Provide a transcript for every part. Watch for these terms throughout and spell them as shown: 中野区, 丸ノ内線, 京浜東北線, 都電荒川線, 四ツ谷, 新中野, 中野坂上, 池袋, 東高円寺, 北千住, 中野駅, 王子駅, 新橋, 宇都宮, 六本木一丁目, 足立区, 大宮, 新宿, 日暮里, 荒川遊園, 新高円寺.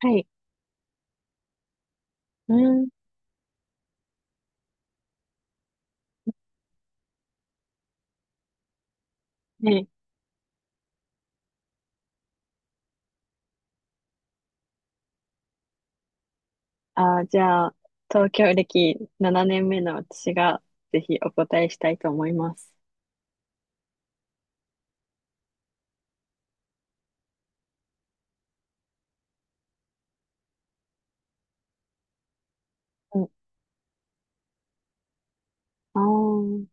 はい。うん。ね。じゃあ、東京歴7年目の私が、ぜひお答えしたいと思います。うん。ああ、は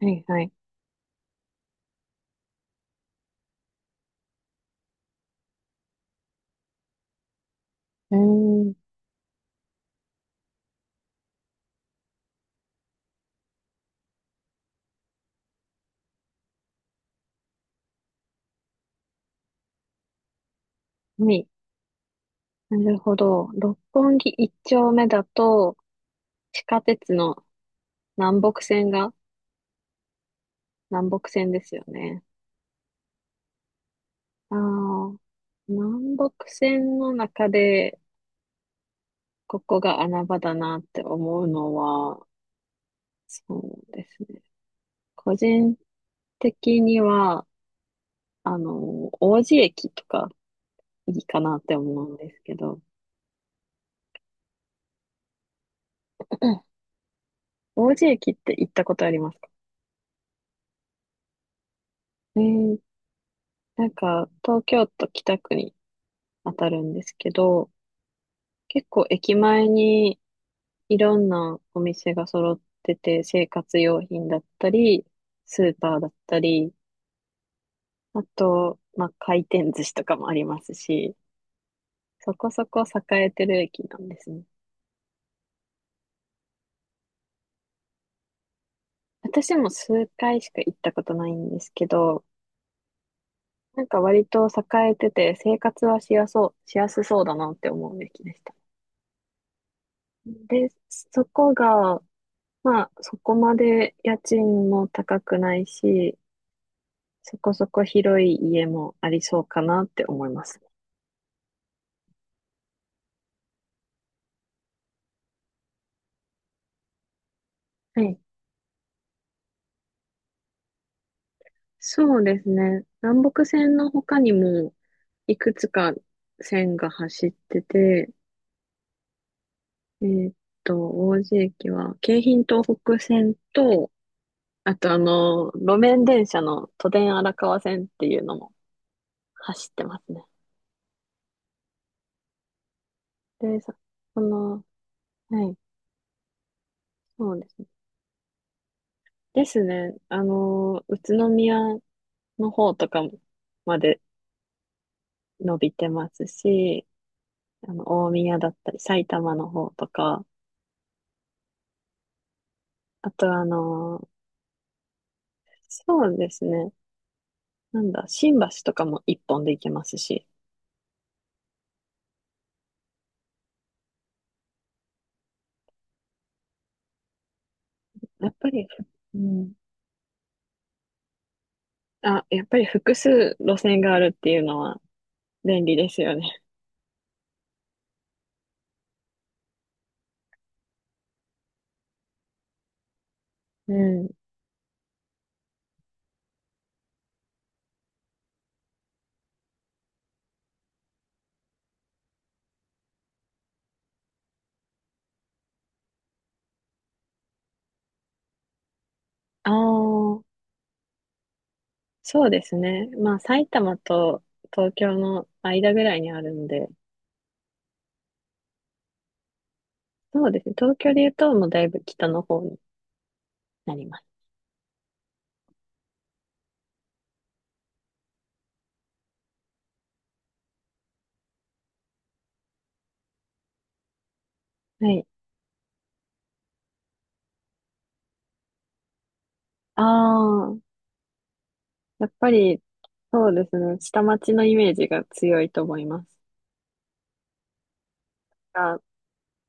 いはい。うーん。海。なるほど。六本木一丁目だと、地下鉄の南北線が、南北線ですよね。ああ、南北線の中でここが穴場だなって思うのは、そうですね。個人的には、王子駅とかいいかなって思うんですけど、王子駅って行ったことありますか？えー、なんか、東京都北区に当たるんですけど、結構駅前にいろんなお店が揃ってて、生活用品だったり、スーパーだったり、あと、まあ、回転寿司とかもありますし、そこそこ栄えてる駅なんですね。私も数回しか行ったことないんですけど、なんか割と栄えてて生活はしやそう、しやすそうだなって思うべきでした。で、そこが、まあそこまで家賃も高くないし、そこそこ広い家もありそうかなって思います。はい。そうですね。南北線の他にもいくつか線が走ってて、えーっ王子駅は京浜東北線と、あとあの、路面電車の都電荒川線っていうのも走ってますね。で、さ、その、はい、そうですね。ですね。あの、宇都宮の方とかまで伸びてますし、あの、大宮だったり、埼玉の方とか、あとあの、そうですね。なんだ、新橋とかも一本で行けますし、やっぱり、うん。あ、やっぱり複数路線があるっていうのは便利ですよね。うん。ああ、そうですね。まあ、埼玉と東京の間ぐらいにあるんで、そうですね。東京で言うと、もうだいぶ北の方になります。はい。ああ、やっぱり、そうですね。下町のイメージが強いと思います。が、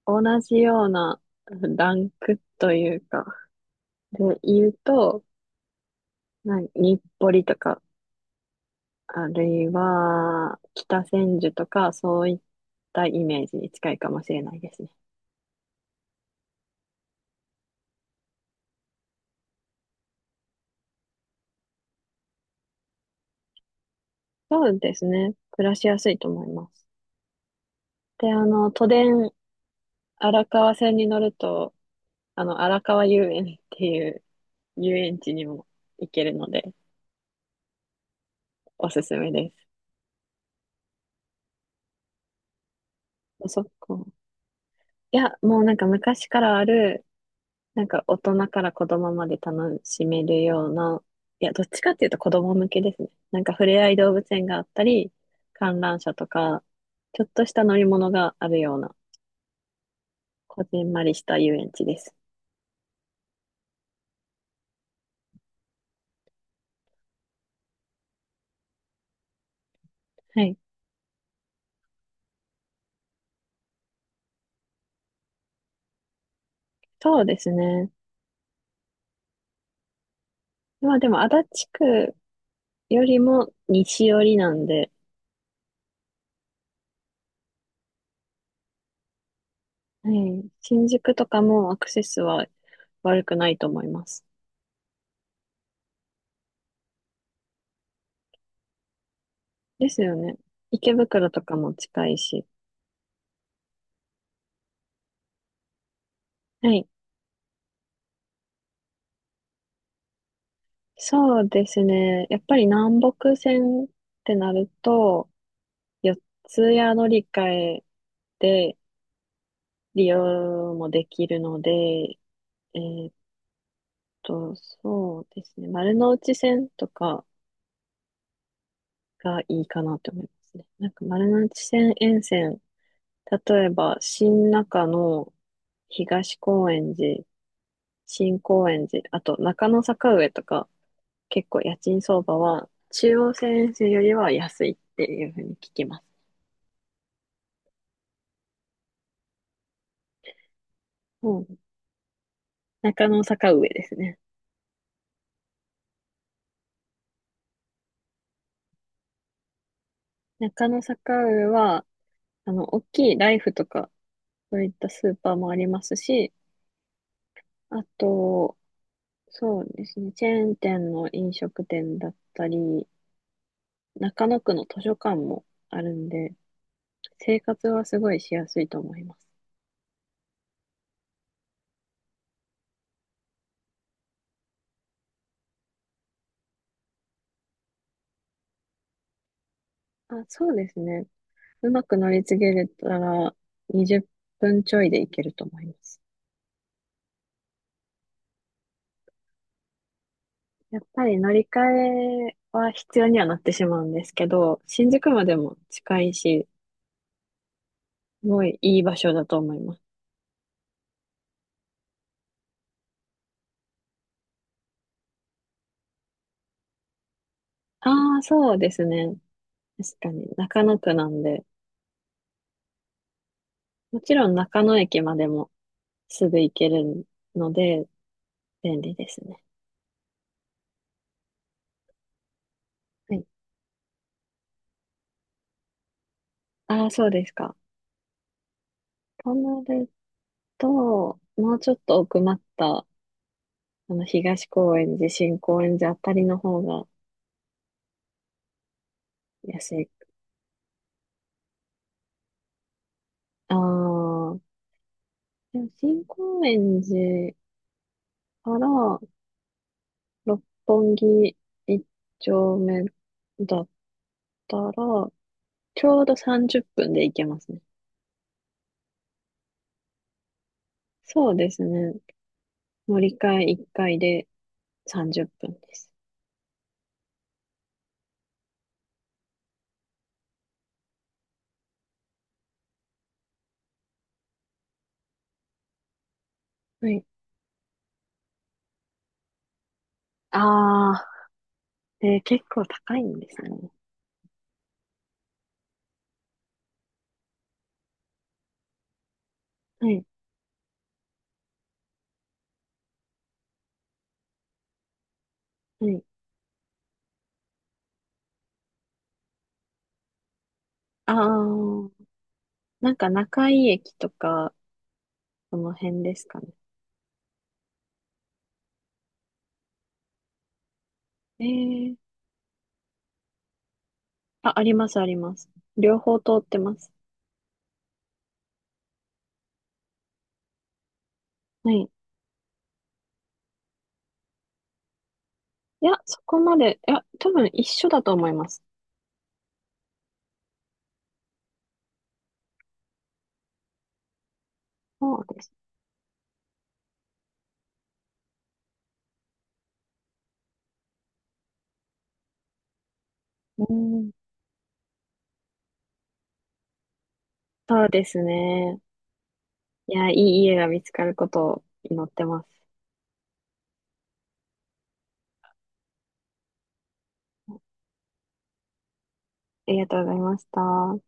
同じようなランクというか、で言うと、な日暮里とか、あるいは、北千住とか、そういったイメージに近いかもしれないですね。そうですね。暮らしやすいと思います。で、あの、都電荒川線に乗ると、あの、荒川遊園っていう遊園地にも行けるので、おすすめです。そこ。いや、もうなんか昔からある、なんか大人から子供まで楽しめるような、いや、どっちかっていうと子供向けですね。なんか触れ合い動物園があったり、観覧車とか、ちょっとした乗り物があるような、こじんまりした遊園地です。はい。そうですね。まあでも、足立区よりも西寄りなんで、はい、新宿とかもアクセスは悪くないと思います。ですよね。池袋とかも近いし。はい。そうですね。やっぱり南北線ってなると、四ツ谷乗り換えで利用もできるので、えーっそうですね。丸ノ内線とかがいいかなと思いますね。なんか丸ノ内線沿線例えば、新中野、東高円寺、新高円寺、あと中野坂上とか、結構家賃相場は中央線沿線よりは安いっていうふうに聞きます。うん、中野坂上ですね。中野坂上は、あの、大きいライフとか、そういったスーパーもありますし、あと、そうですね、チェーン店の飲食店だったり、中野区の図書館もあるんで、生活はすごいしやすいと思います。あ、そうですね。うまく乗り継げれたら20分ちょいで行けると思います。やっぱり乗り換えは必要にはなってしまうんですけど、新宿までも近いし、すごいいい場所だと思います。ああ、そうですね。確かに中野区なんで、もちろん中野駅までもすぐ行けるので便利ですね。はい。ああ、そうですか。となると、もうちょっと奥まったあの、東高円寺、新高円寺あたりの方が安い。ああ、でも新高円寺から六本木一丁目だったら、ちょうど30分で行けますね。そうですね。乗り換え1回で30分です。はい。ああ、結構高いんですね。はい、はい。ああ、なんか中井駅とか、その辺ですかね。え、あ、あります、あります。両方通ってます。はい。いや、そこまで、いや、多分一緒だと思います。そうです。うん。そうですね。いや、いい家が見つかることを祈ってます。ありがとうございました。